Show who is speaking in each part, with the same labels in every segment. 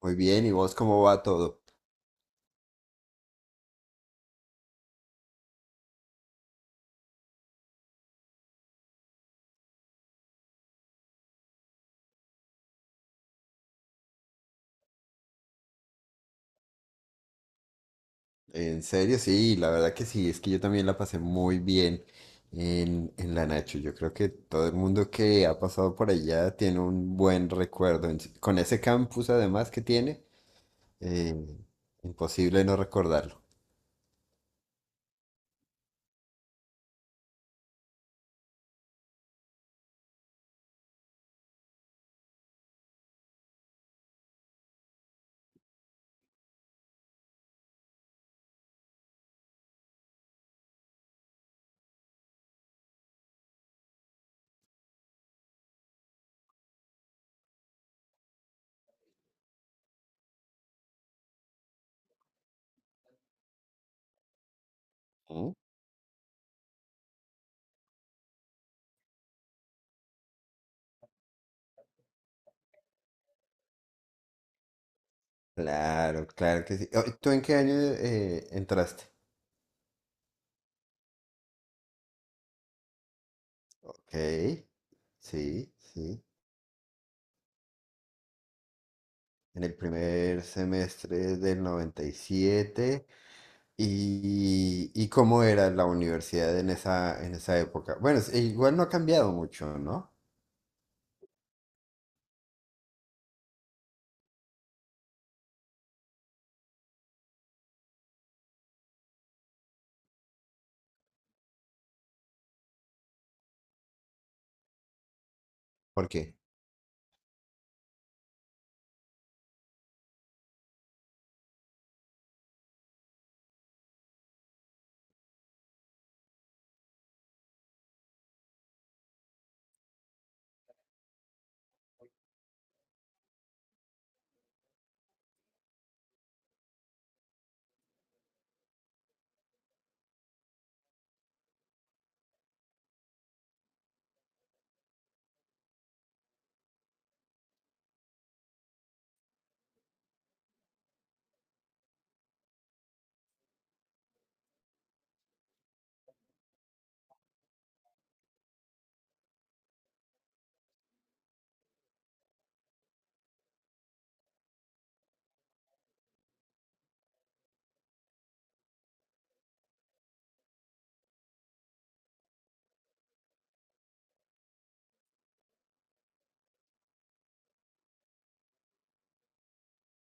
Speaker 1: Muy bien, ¿y vos cómo va todo? En serio, sí, la verdad que sí, es que yo también la pasé muy bien en la Nacho. Yo creo que todo el mundo que ha pasado por allá tiene un buen recuerdo. Con ese campus además que tiene, eh, imposible no recordarlo. Mm. Claro, claro que sí. Oh, ¿tú en qué año entraste? Ok, sí, sí. En el primer semestre del noventa y siete. Y cómo era la universidad en esa época? Bueno, igual no ha cambiado mucho, ¿no? ¿Por qué?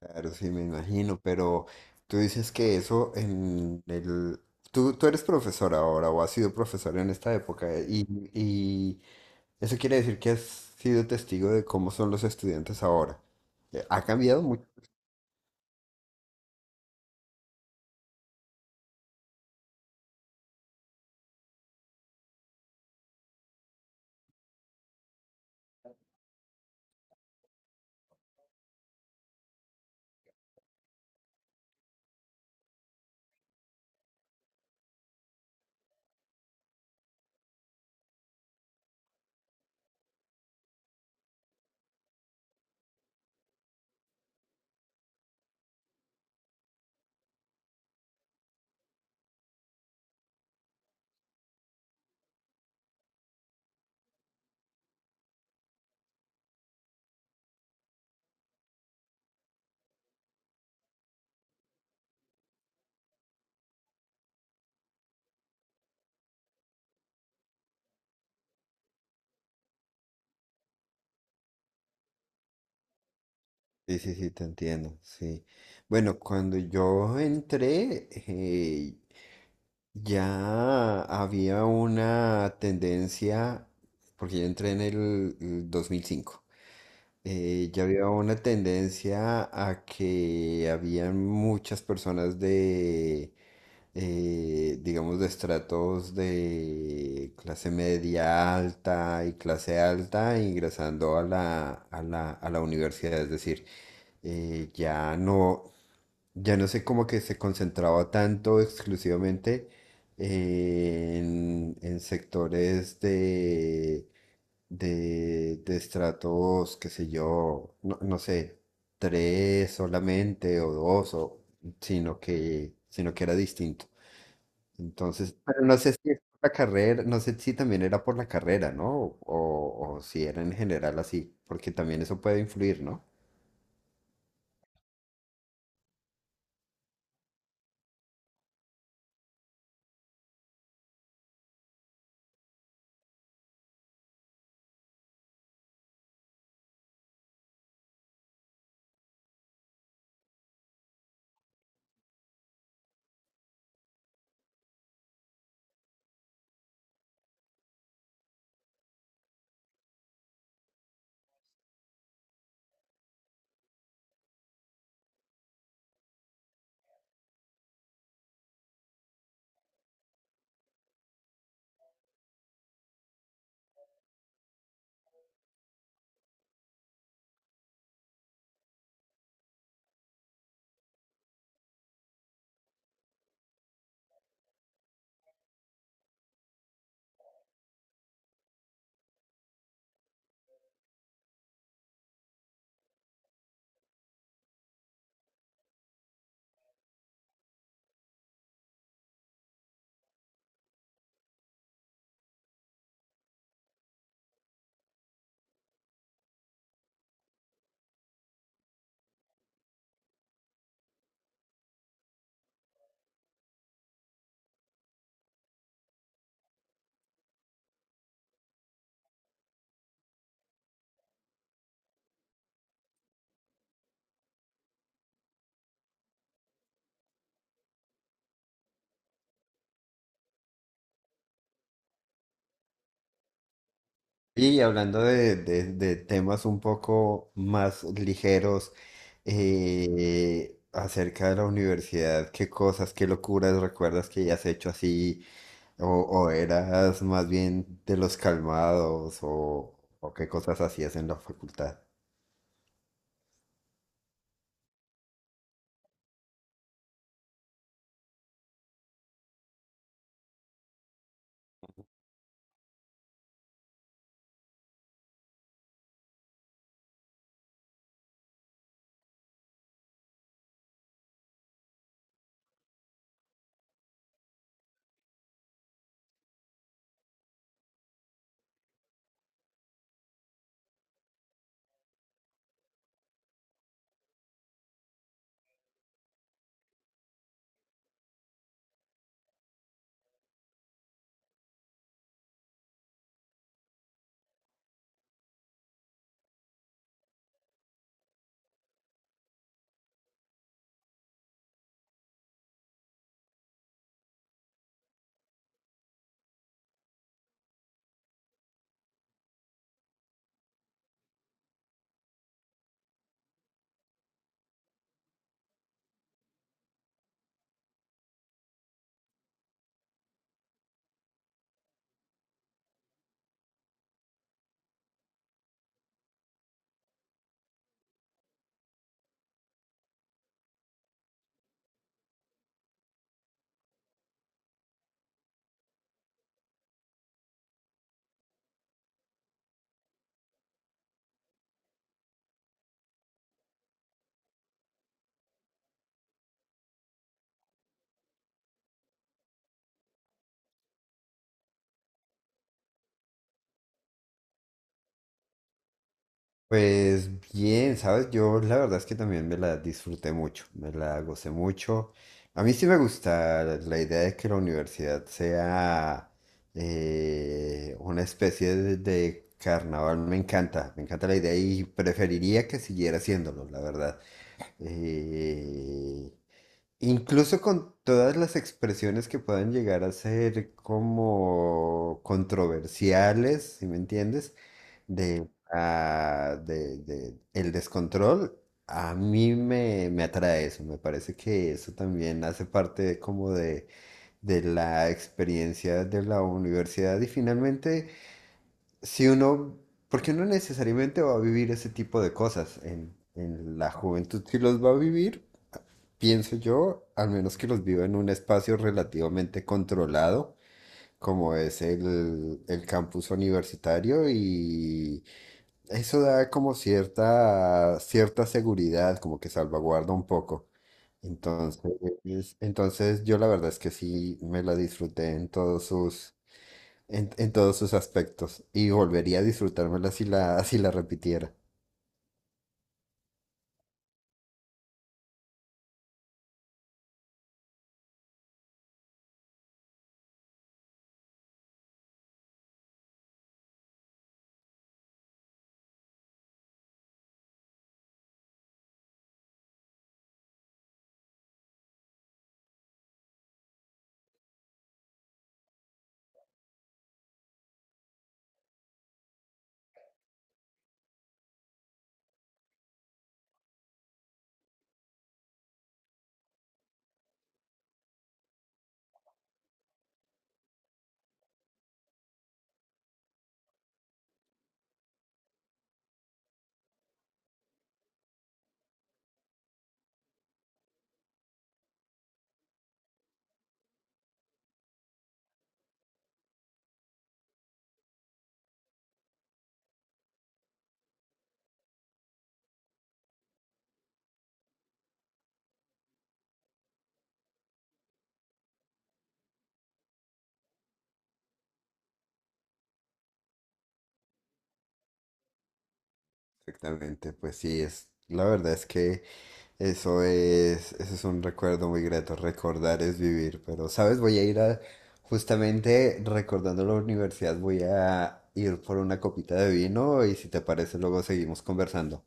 Speaker 1: Claro, sí, me imagino, pero tú dices que eso en el... Tú eres profesor ahora o has sido profesor en esta época y eso quiere decir que has sido testigo de cómo son los estudiantes ahora. Ha cambiado mucho. Sí, sí, sí, te entiendo, sí. Bueno, cuando yo entré, ya había una tendencia, porque yo entré en el 2005, ya había una tendencia a que habían muchas personas de, digamos, de estratos de clase media alta y clase alta ingresando a a la universidad. Es decir, ya no, ya no sé cómo que se concentraba tanto exclusivamente en sectores de, de estratos, qué sé yo, no, no sé, tres solamente o dos, o, sino que era distinto. Entonces, pero no sé si es por la carrera, no sé si también era por la carrera, ¿no? O si era en general así, porque también eso puede influir, ¿no? Y hablando de, de temas un poco más ligeros, acerca de la universidad, ¿qué cosas, qué locuras recuerdas que hayas hecho así? O eras más bien de los calmados? O qué cosas hacías en la facultad? Pues bien, ¿sabes? Yo la verdad es que también me la disfruté mucho, me la gocé mucho. A mí sí me gusta la idea de que la universidad sea una especie de carnaval, me encanta la idea y preferiría que siguiera haciéndolo, la verdad. Eh, Incluso con todas las expresiones que puedan llegar a ser como controversiales, si me entiendes, de, ah, de el descontrol, a mí me atrae eso, me parece que eso también hace parte de como de la experiencia de la universidad y finalmente, si uno, porque uno necesariamente va a vivir ese tipo de cosas en la juventud, si los va a vivir. Pienso yo, al menos que los vivo en un espacio relativamente controlado, como es el campus universitario, y eso da como cierta, cierta seguridad, como que salvaguarda un poco. Entonces, yo la verdad es que sí me la disfruté en todos sus, en todos sus aspectos, y volvería a disfrutármela si la, si la repitiera. Exactamente, pues sí, es, la verdad es que eso es un recuerdo muy grato, recordar es vivir, pero sabes, voy a ir a, justamente recordando la universidad, voy a ir por una copita de vino y si te parece luego seguimos conversando.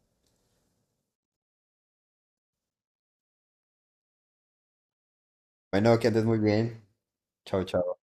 Speaker 1: Bueno, que andes muy bien, chao, chao.